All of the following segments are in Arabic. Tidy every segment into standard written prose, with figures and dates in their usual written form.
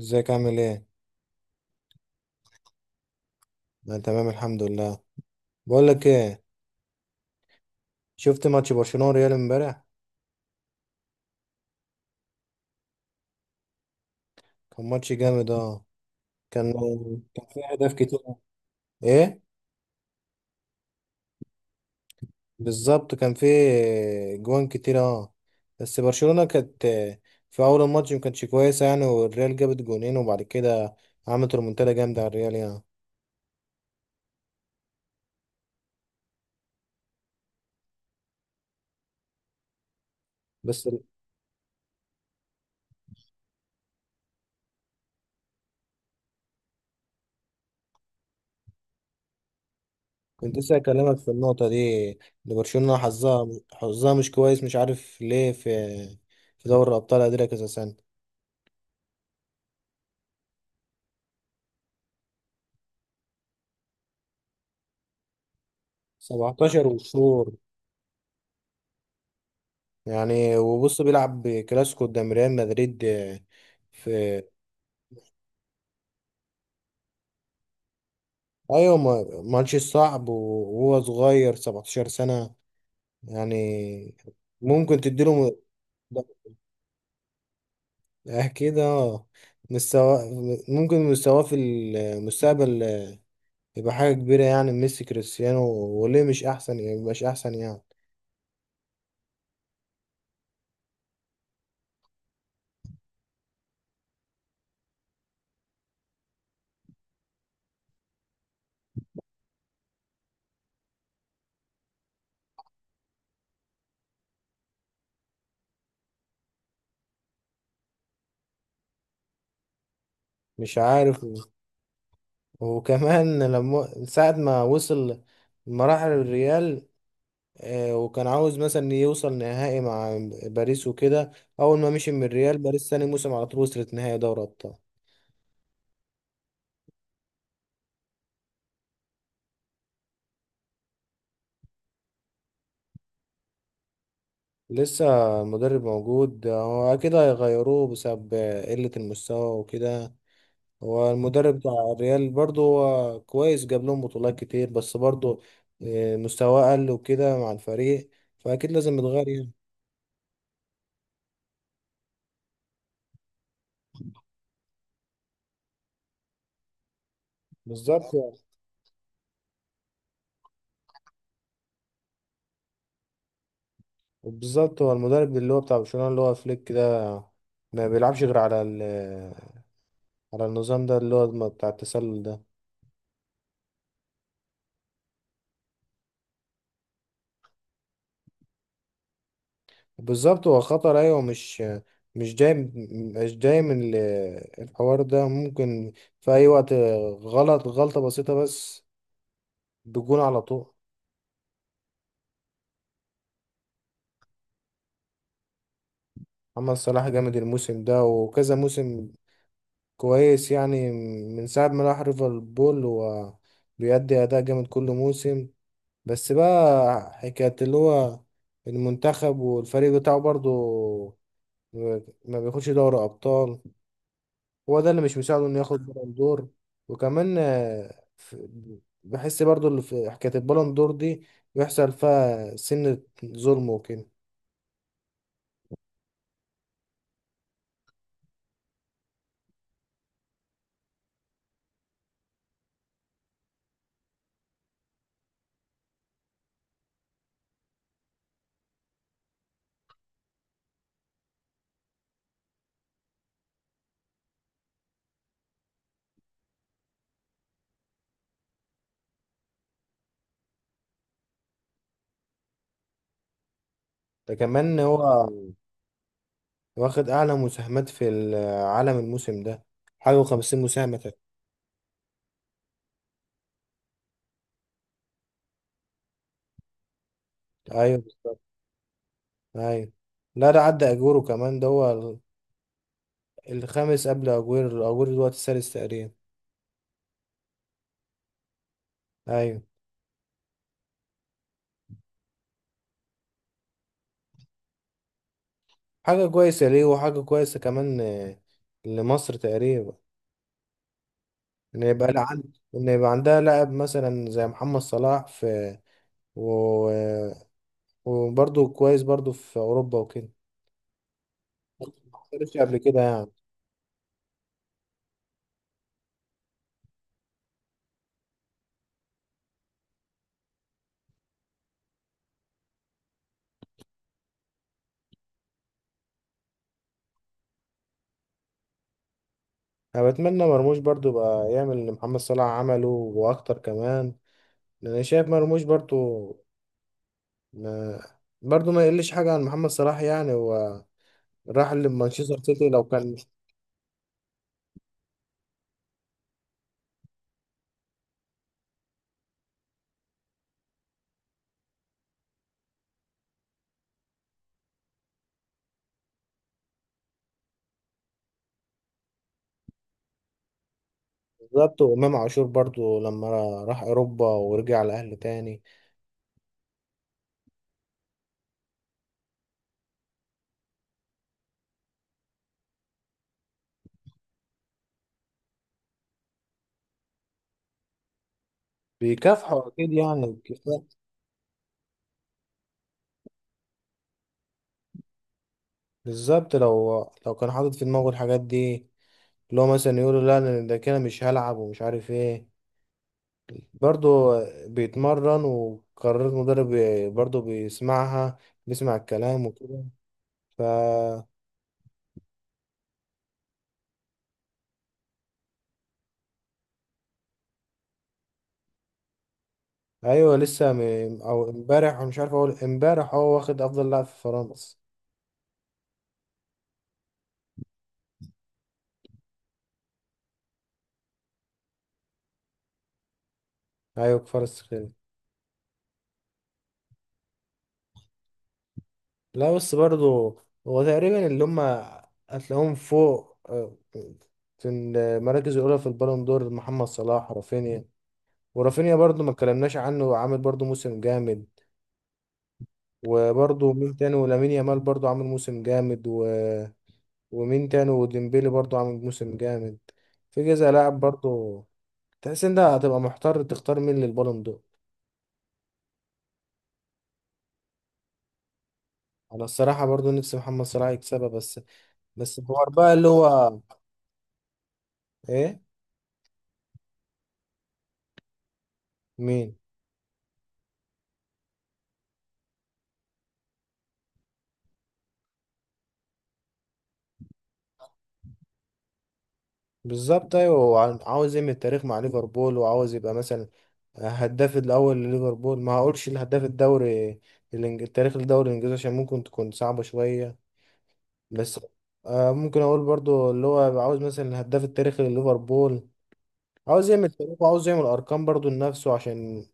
ازيك عامل ايه؟ انا تمام الحمد لله. بقول لك ايه. شفت ماتش برشلونة وريال امبارح. كان ماتش جامد اه. كان كان فيه اهداف كتير. ايه بالظبط كان فيه جوان كتير اه. بس برشلونة كانت في اول الماتش ما كانتش كويسة يعني، والريال جابت جونين وبعد كده عملت ريمونتادا جامدة على الريال يعني. بس كنت لسه اكلمك في النقطة دي، ان برشلونة حظها، حظها مش كويس مش عارف ليه. في دوري الابطال قادرة كذا سنة. 17 وشهور يعني. وبص بيلعب كلاسيكو قدام ريال مدريد في ايوه ماتش صعب وهو صغير 17 سنة يعني. ممكن تديله أه، اكيد اه مستوى. ممكن مستواه في المستقبل يبقى حاجة كبيرة يعني ميسي كريستيانو. وليه مش احسن يعني مش احسن يعني. مش عارف. وكمان لما ساعة ما وصل مراحل الريال وكان عاوز مثلا يوصل نهائي مع باريس وكده. اول ما مشي من الريال، باريس ثاني موسم على طول وصلت نهائي دوري ابطال. لسه المدرب موجود، هو اكيد هيغيروه بسبب قلة المستوى وكده. هو المدرب بتاع الريال برضه هو كويس، جاب لهم بطولات كتير، بس برضه مستواه قل وكده مع الفريق. فاكيد لازم يتغير يعني. بالظبط يعني. بالظبط هو المدرب اللي هو بتاع برشلونة اللي هو فليك ده، ما بيلعبش غير على النظام ده اللي هو بتاع التسلل ده. بالظبط هو خطر ايوه. مش مش جاي مش جاي من الحوار ده. ممكن في اي وقت غلط غلطة بسيطة بس بجون على طول. محمد صلاح جامد الموسم ده وكذا موسم. كويس يعني. من ساعة ما راح ليفربول هو بيأدي أداء جامد كل موسم. بس بقى حكاية اللي هو المنتخب والفريق بتاعه برضو ما بياخدش دوري أبطال، هو ده اللي مش مساعده انه ياخد بالون دور. وكمان بحس برضو اللي في حكاية البالون دور دي بيحصل فيها سنة ظلم وكده. ده كمان هو واخد أعلى مساهمات في العالم الموسم ده، حاجة وخمسين مساهمة تقريبا. أيوة. أيوة، لا ده عدى أجورو كمان، ده هو الخامس قبل أجويرو، أجويرو دلوقتي السادس تقريبا. أيوة. حاجة كويسة ليه، وحاجة كويسة كمان لمصر تقريبا، ان يبقى لا عند، ان يبقى عندها لاعب مثلا زي محمد صلاح في. و... وبرضه كويس برضه في اوروبا وكده. ما حصلش قبل كده يعني. انا بتمنى مرموش برضه يبقى يعمل اللي محمد صلاح عمله واكتر كمان، لان أنا شايف مرموش برضه ما... برضه ما يقلش حاجه عن محمد صلاح يعني. هو راح لمانشستر سيتي لو كان مش. بالظبط. وامام عاشور برضه لما راح اوروبا ورجع الاهلي تاني. بيكافحوا اكيد يعني. بالظبط. لو كان حاطط في دماغه الحاجات دي اللي هو مثلا يقول له لا انا ده كده مش هلعب ومش عارف ايه. برضه بيتمرن وقرارات مدرب برضه بيسمعها، بيسمع الكلام وكده. فا ايوه. لسه م... او امبارح مش عارف اقول، امبارح هو واخد افضل لاعب في فرنسا. ايوه في فرنسا كده. لا بس برضه هو تقريبا اللي هم هتلاقيهم فوق في المراكز الاولى في البالون دور: محمد صلاح، رافينيا. ورافينيا برضو ما اتكلمناش عنه، عامل برضو موسم جامد. وبرضو مين تاني؟ ولامين يامال برضو عامل موسم جامد. و... ومين تاني؟ وديمبيلي برضو عامل موسم جامد. في كذا لاعب برضو تحس ان ده هتبقى محتار تختار مين للبالون دور. انا الصراحة برضو نفسي محمد صلاح يكسبها. بس بس الحوار بقى اللي هو ايه؟ مين؟ بالظبط ايوه. هو عاوز يعمل تاريخ مع ليفربول، وعاوز يبقى مثلا هداف الاول لليفربول. ما هقولش الهداف الدوري التاريخ الدوري الانجليزي عشان ممكن تكون صعبه شويه. بس آه ممكن اقول برضو اللي هو عاوز مثلا الهداف التاريخي لليفربول. عاوز يعمل تاريخ وعاوز يعمل ارقام برضو لنفسه عشان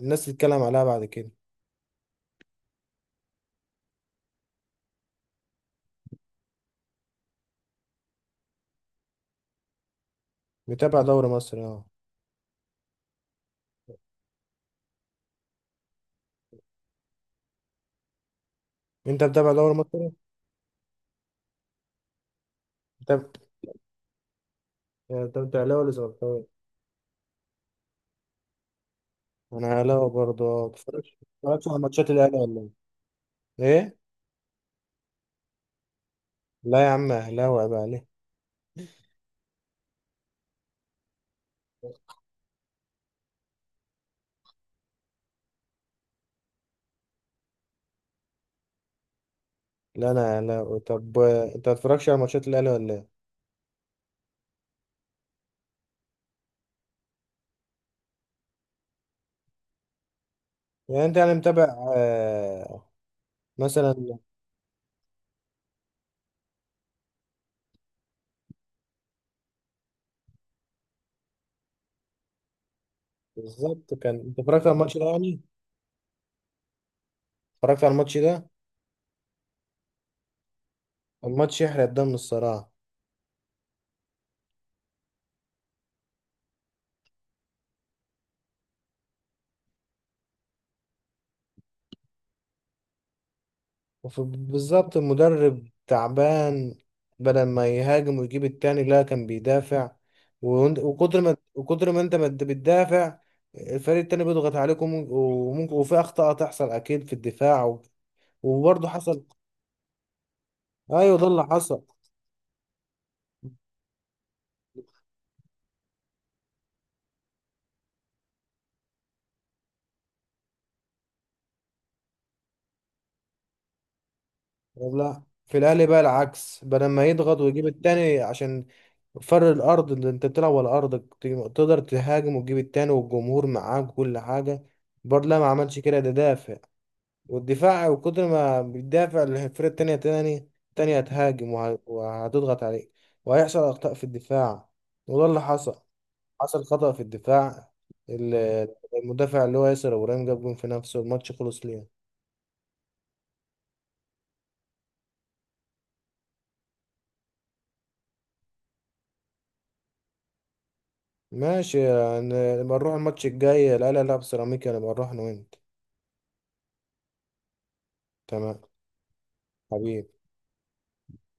الناس تتكلم عليها بعد كده. متابع دوري مصر اه. انت متابع دوري مصر؟ متابع. انت اهلاوي ولا زملكاوي؟ انا اهلاوي برضو آه. بتفرجش على ماتشات الاهلي ولا؟ ايه ايه. لا يا عم اهلاوي، عيب عليك. لا انا اهلاوي. طب انت ما بتتفرجش على ماتشات الاهلي ولا إيه؟ يعني انت يعني متابع آه مثلا؟ بالظبط. كان انت اتفرجت على الماتش ده يعني؟ اتفرجت على الماتش ده. الماتش يحرق الدم الصراحة. بالظبط المدرب تعبان، بدل ما يهاجم ويجيب التاني لا كان بيدافع. وكتر ما انت ما انت بتدافع، الفريق التاني بيضغط عليكم وممكن وفي اخطاء تحصل اكيد في الدفاع، وبرضه حصل. ايوه ده اللي حصل. لا في الاهلي بقى العكس، بدل ما يضغط ويجيب التاني عشان فر الارض اللي انت بتلعب على ارضك تقدر تهاجم وتجيب التاني والجمهور معاك وكل حاجه، برضه لا ما عملش كده، ده دافع. والدفاع وكتر ما بيدافع الفرقه التانيه تانية هتهاجم وهتضغط عليك، وهيحصل اخطاء في الدفاع. وده اللي حصل. حصل خطأ في الدفاع. ال- المدافع اللي هو ياسر ابراهيم جاب جون في نفسه، الماتش خلص ليه. ماشي يعني. نبقى نروح الماتش الجاي، لا لا لا بسيراميكا، نبقى نروح انا وانت. تمام حبيبي.